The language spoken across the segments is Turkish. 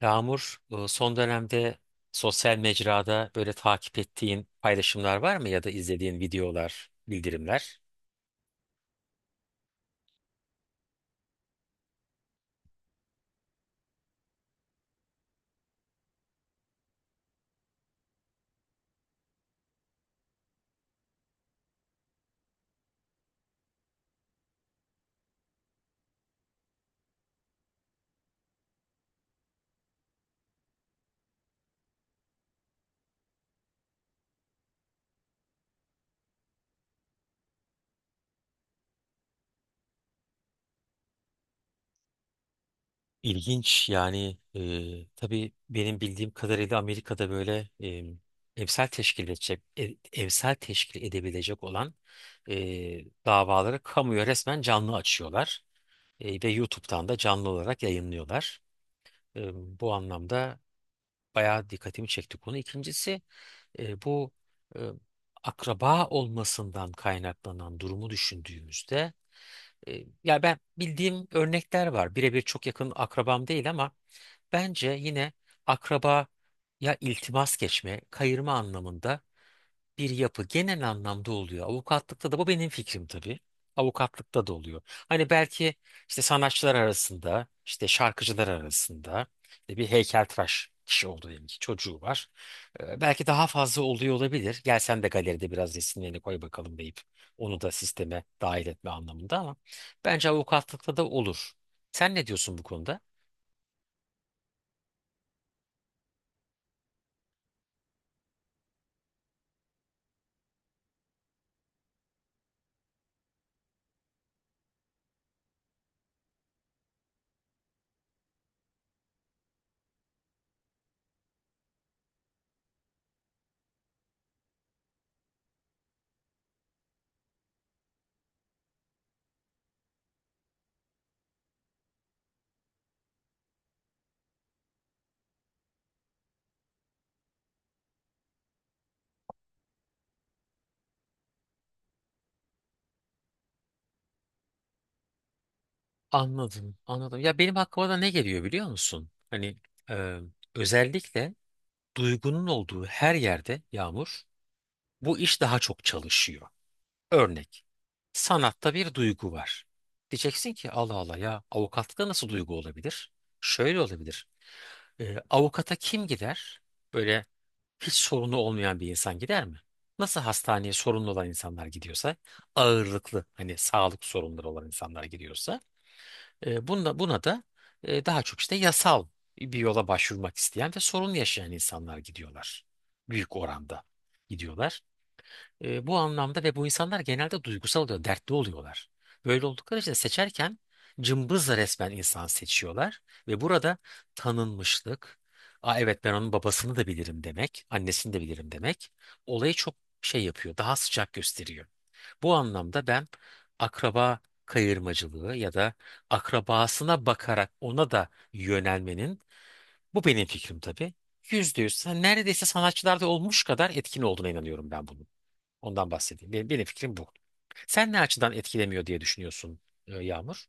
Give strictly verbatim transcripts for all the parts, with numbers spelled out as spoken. Yağmur, e, son dönemde sosyal mecrada böyle takip ettiğin paylaşımlar var mı ya da izlediğin videolar, bildirimler? İlginç yani e, tabii benim bildiğim kadarıyla Amerika'da böyle e, emsal teşkil edecek, e, emsal teşkil edebilecek olan e, davaları kamuya resmen canlı açıyorlar. E, ve YouTube'dan da canlı olarak yayınlıyorlar. E, Bu anlamda bayağı dikkatimi çekti konu. İkincisi e, bu e, akraba olmasından kaynaklanan durumu düşündüğümüzde e, ya ben bildiğim örnekler var. Birebir çok yakın akrabam değil ama bence yine akraba ya iltimas geçme, kayırma anlamında bir yapı genel anlamda oluyor. Avukatlıkta da bu benim fikrim tabii. Avukatlıkta da oluyor. Hani belki işte sanatçılar arasında, işte şarkıcılar arasında işte bir heykeltıraş kişi oldu diyelim ki çocuğu var. Ee, belki daha fazla oluyor olabilir. Gel sen de galeride biraz resimlerini koy bakalım deyip onu da sisteme dahil etme anlamında ama bence avukatlıkta da olur. Sen ne diyorsun bu konuda? Anladım, anladım. Ya benim aklıma da ne geliyor biliyor musun? Hani e, özellikle duygunun olduğu her yerde Yağmur, bu iş daha çok çalışıyor. Örnek, sanatta bir duygu var. Diyeceksin ki Allah Allah ya avukatlıkta nasıl duygu olabilir? Şöyle olabilir. Ee, avukata kim gider? Böyle hiç sorunu olmayan bir insan gider mi? Nasıl hastaneye sorunlu olan insanlar gidiyorsa, ağırlıklı hani sağlık sorunları olan insanlar gidiyorsa, e, bunda, buna da e, daha çok işte yasal bir yola başvurmak isteyen ve sorun yaşayan insanlar gidiyorlar. Büyük oranda gidiyorlar. E, bu anlamda ve bu insanlar genelde duygusal oluyor, dertli oluyorlar. Böyle oldukları için de seçerken cımbızla resmen insan seçiyorlar ve burada tanınmışlık, aa, evet ben onun babasını da bilirim demek, annesini de bilirim demek olayı çok şey yapıyor, daha sıcak gösteriyor. Bu anlamda ben akraba kayırmacılığı ya da akrabasına bakarak ona da yönelmenin, bu benim fikrim tabii, yüzde yüz sa- neredeyse sanatçılarda olmuş kadar etkin olduğuna inanıyorum ben bunun. Ondan bahsedeyim. Benim, benim fikrim bu. Sen ne açıdan etkilemiyor diye düşünüyorsun e, Yağmur?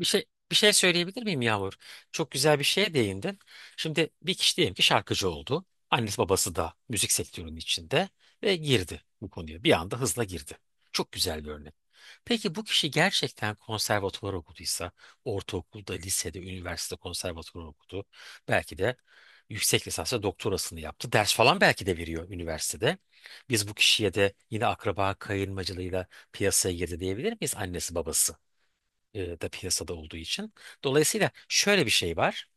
Bir şey bir şey söyleyebilir miyim Yağmur? Çok güzel bir şeye değindin. Şimdi bir kişi diyelim ki şarkıcı oldu. Annesi babası da müzik sektörünün içinde ve girdi bu konuya. Bir anda hızla girdi. Çok güzel bir örnek. Peki bu kişi gerçekten konservatuvar okuduysa, ortaokulda, lisede, üniversitede konservatuvar okudu. Belki de yüksek lisansa doktorasını yaptı. Ders falan belki de veriyor üniversitede. Biz bu kişiye de yine akraba kayırmacılığıyla piyasaya girdi diyebilir miyiz? Annesi babası e, da piyasada olduğu için. Dolayısıyla şöyle bir şey var.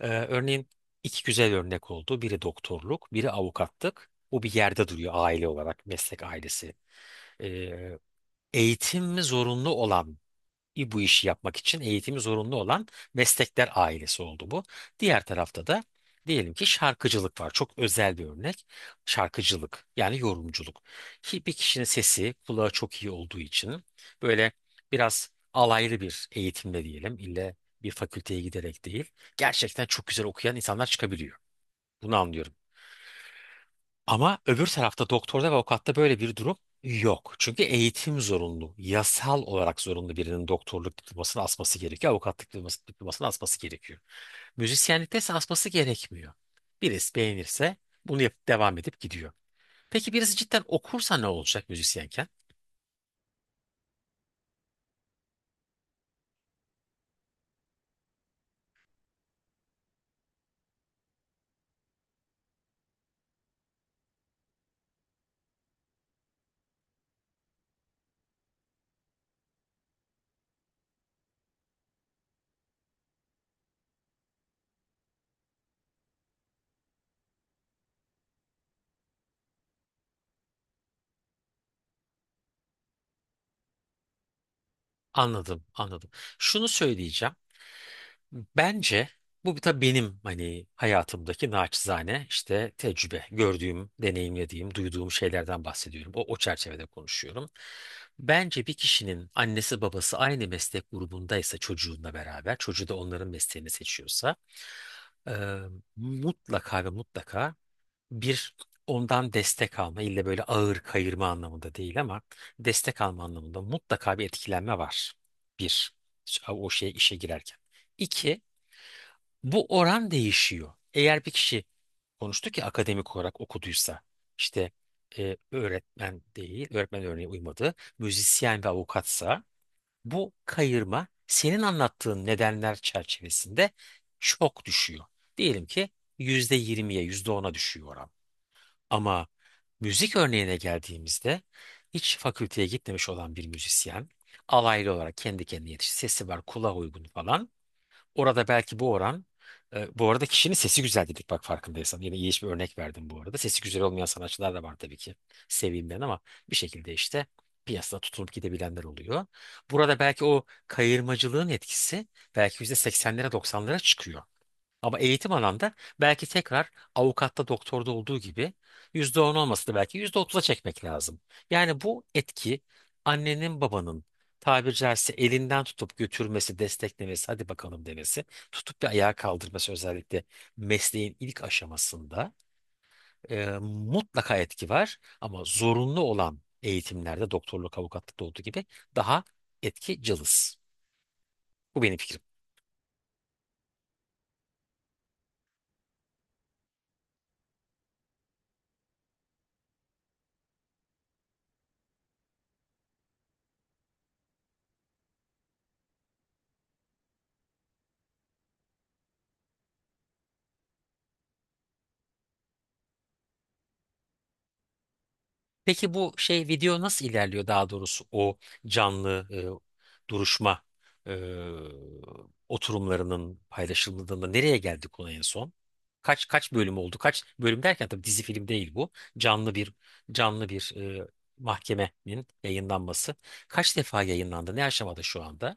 Ee, örneğin iki güzel örnek oldu. Biri doktorluk, biri avukatlık. Bu bir yerde duruyor aile olarak, meslek ailesi. Ee, Eğitim mi zorunlu olan bu işi yapmak için eğitimi zorunlu olan meslekler ailesi oldu bu. Diğer tarafta da diyelim ki şarkıcılık var. Çok özel bir örnek. Şarkıcılık yani yorumculuk. Ki bir kişinin sesi kulağı çok iyi olduğu için böyle biraz alaylı bir eğitimle diyelim ille bir fakülteye giderek değil gerçekten çok güzel okuyan insanlar çıkabiliyor. Bunu anlıyorum. Ama öbür tarafta doktorda ve avukatta böyle bir durum yok. Çünkü eğitim zorunlu. Yasal olarak zorunlu birinin doktorluk diplomasını asması gerekiyor. Avukatlık diploması- diplomasını asması gerekiyor. Müzisyenlikte ise asması gerekmiyor. Birisi beğenirse bunu yapıp devam edip gidiyor. Peki birisi cidden okursa ne olacak müzisyenken? Anladım, anladım. Şunu söyleyeceğim. Bence bu bir tabii benim hani hayatımdaki naçizane işte tecrübe, gördüğüm, deneyimlediğim, duyduğum şeylerden bahsediyorum. O, o çerçevede konuşuyorum. Bence bir kişinin annesi babası aynı meslek grubundaysa çocuğunla beraber, çocuğu da onların mesleğini seçiyorsa e, mutlaka ve mutlaka bir ondan destek alma, illa böyle ağır kayırma anlamında değil ama destek alma anlamında mutlaka bir etkilenme var. Bir, o şey işe girerken. İki, bu oran değişiyor. Eğer bir kişi konuştu ki akademik olarak okuduysa işte e, öğretmen değil, öğretmen örneği uymadı, müzisyen ve avukatsa bu kayırma senin anlattığın nedenler çerçevesinde çok düşüyor. Diyelim ki yüzde yirmiye yüzde ona düşüyor oran. Ama müzik örneğine geldiğimizde hiç fakülteye gitmemiş olan bir müzisyen alaylı olarak kendi kendine yetişti, sesi var, kulağa uygun falan. Orada belki bu oran e, bu arada kişinin sesi güzel dedik bak farkındaysan. Yine iyi bir örnek verdim bu arada. Sesi güzel olmayan sanatçılar da var tabii ki. Seveyim ben ama bir şekilde işte piyasada tutulup gidebilenler oluyor. Burada belki o kayırmacılığın etkisi belki yüzde seksenlere doksanlara çıkıyor. Ama eğitim alanda belki tekrar avukatta doktorda olduğu gibi yüzde on olması da belki yüzde otuza çekmek lazım. Yani bu etki annenin babanın tabiri caizse elinden tutup götürmesi, desteklemesi, hadi bakalım demesi, tutup bir ayağa kaldırması özellikle mesleğin ilk aşamasında e, mutlaka etki var. Ama zorunlu olan eğitimlerde doktorluk, avukatlıkta olduğu gibi daha etki cılız. Bu benim fikrim. Peki bu şey video nasıl ilerliyor daha doğrusu o canlı e, duruşma e, oturumlarının paylaşıldığında nereye geldik ona en son? Kaç kaç bölüm oldu? Kaç bölüm derken tabii dizi film değil bu. Canlı bir canlı bir e, mahkemenin yayınlanması. Kaç defa yayınlandı? Ne aşamada şu anda?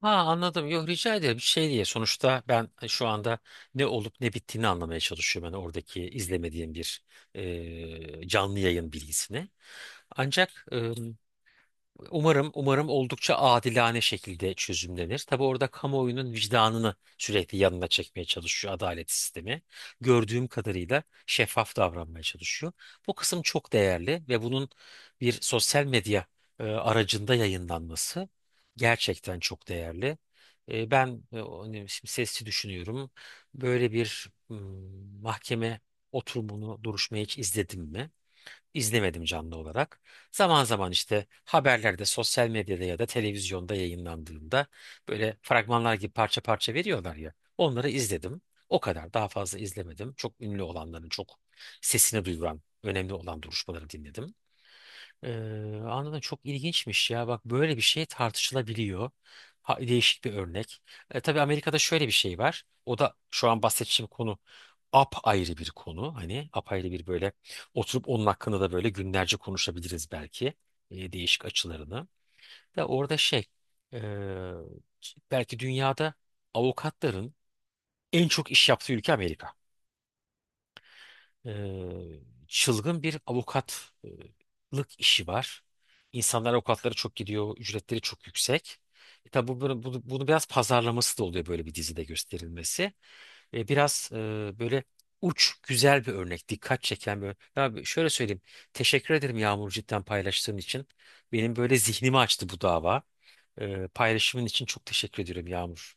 Ha anladım. Yok rica ederim. Şey diye sonuçta ben hani, şu anda ne olup ne bittiğini anlamaya çalışıyorum. Ben oradaki izlemediğim bir e, canlı yayın bilgisini. Ancak Umarım, umarım oldukça adilane şekilde çözümlenir. Tabii orada kamuoyunun vicdanını sürekli yanına çekmeye çalışıyor adalet sistemi. Gördüğüm kadarıyla şeffaf davranmaya çalışıyor. Bu kısım çok değerli ve bunun bir sosyal medya e, aracında yayınlanması gerçekten çok değerli. E, ben e, o- hani şimdi sesli düşünüyorum. Böyle bir mm, mahkeme oturumunu, duruşmayı hiç izledim mi? İzlemedim canlı olarak. Zaman zaman işte haberlerde, sosyal medyada ya da televizyonda yayınlandığında böyle fragmanlar gibi parça parça veriyorlar ya. Onları izledim. O kadar daha fazla izlemedim. Çok ünlü olanların, çok sesini duyuran, önemli olan duruşmaları dinledim. Ee, anladım çok ilginçmiş ya bak böyle bir şey tartışılabiliyor. Ha, değişik bir örnek. E, tabii Amerika'da şöyle bir şey var. O da şu an bahsedeceğim konu apayrı bir konu. Hani apayrı bir böyle oturup onun hakkında da böyle günlerce konuşabiliriz belki. E, değişik açılarını. Da orada şey e, belki dünyada avukatların en çok iş yaptığı ülke Amerika, e, çılgın bir avukatlık işi var. İnsanlar avukatlara çok gidiyor, ücretleri çok yüksek. E, tabi bu, bunu, bunu- bunu biraz pazarlaması da oluyor böyle bir dizide gösterilmesi. E, biraz e, böyle uç, güzel bir örnek, dikkat çeken bir örnek. Ya şöyle söyleyeyim, teşekkür ederim Yağmur cidden paylaştığın için. Benim böyle zihnimi açtı bu dava. E, paylaşımın için çok teşekkür ediyorum Yağmur.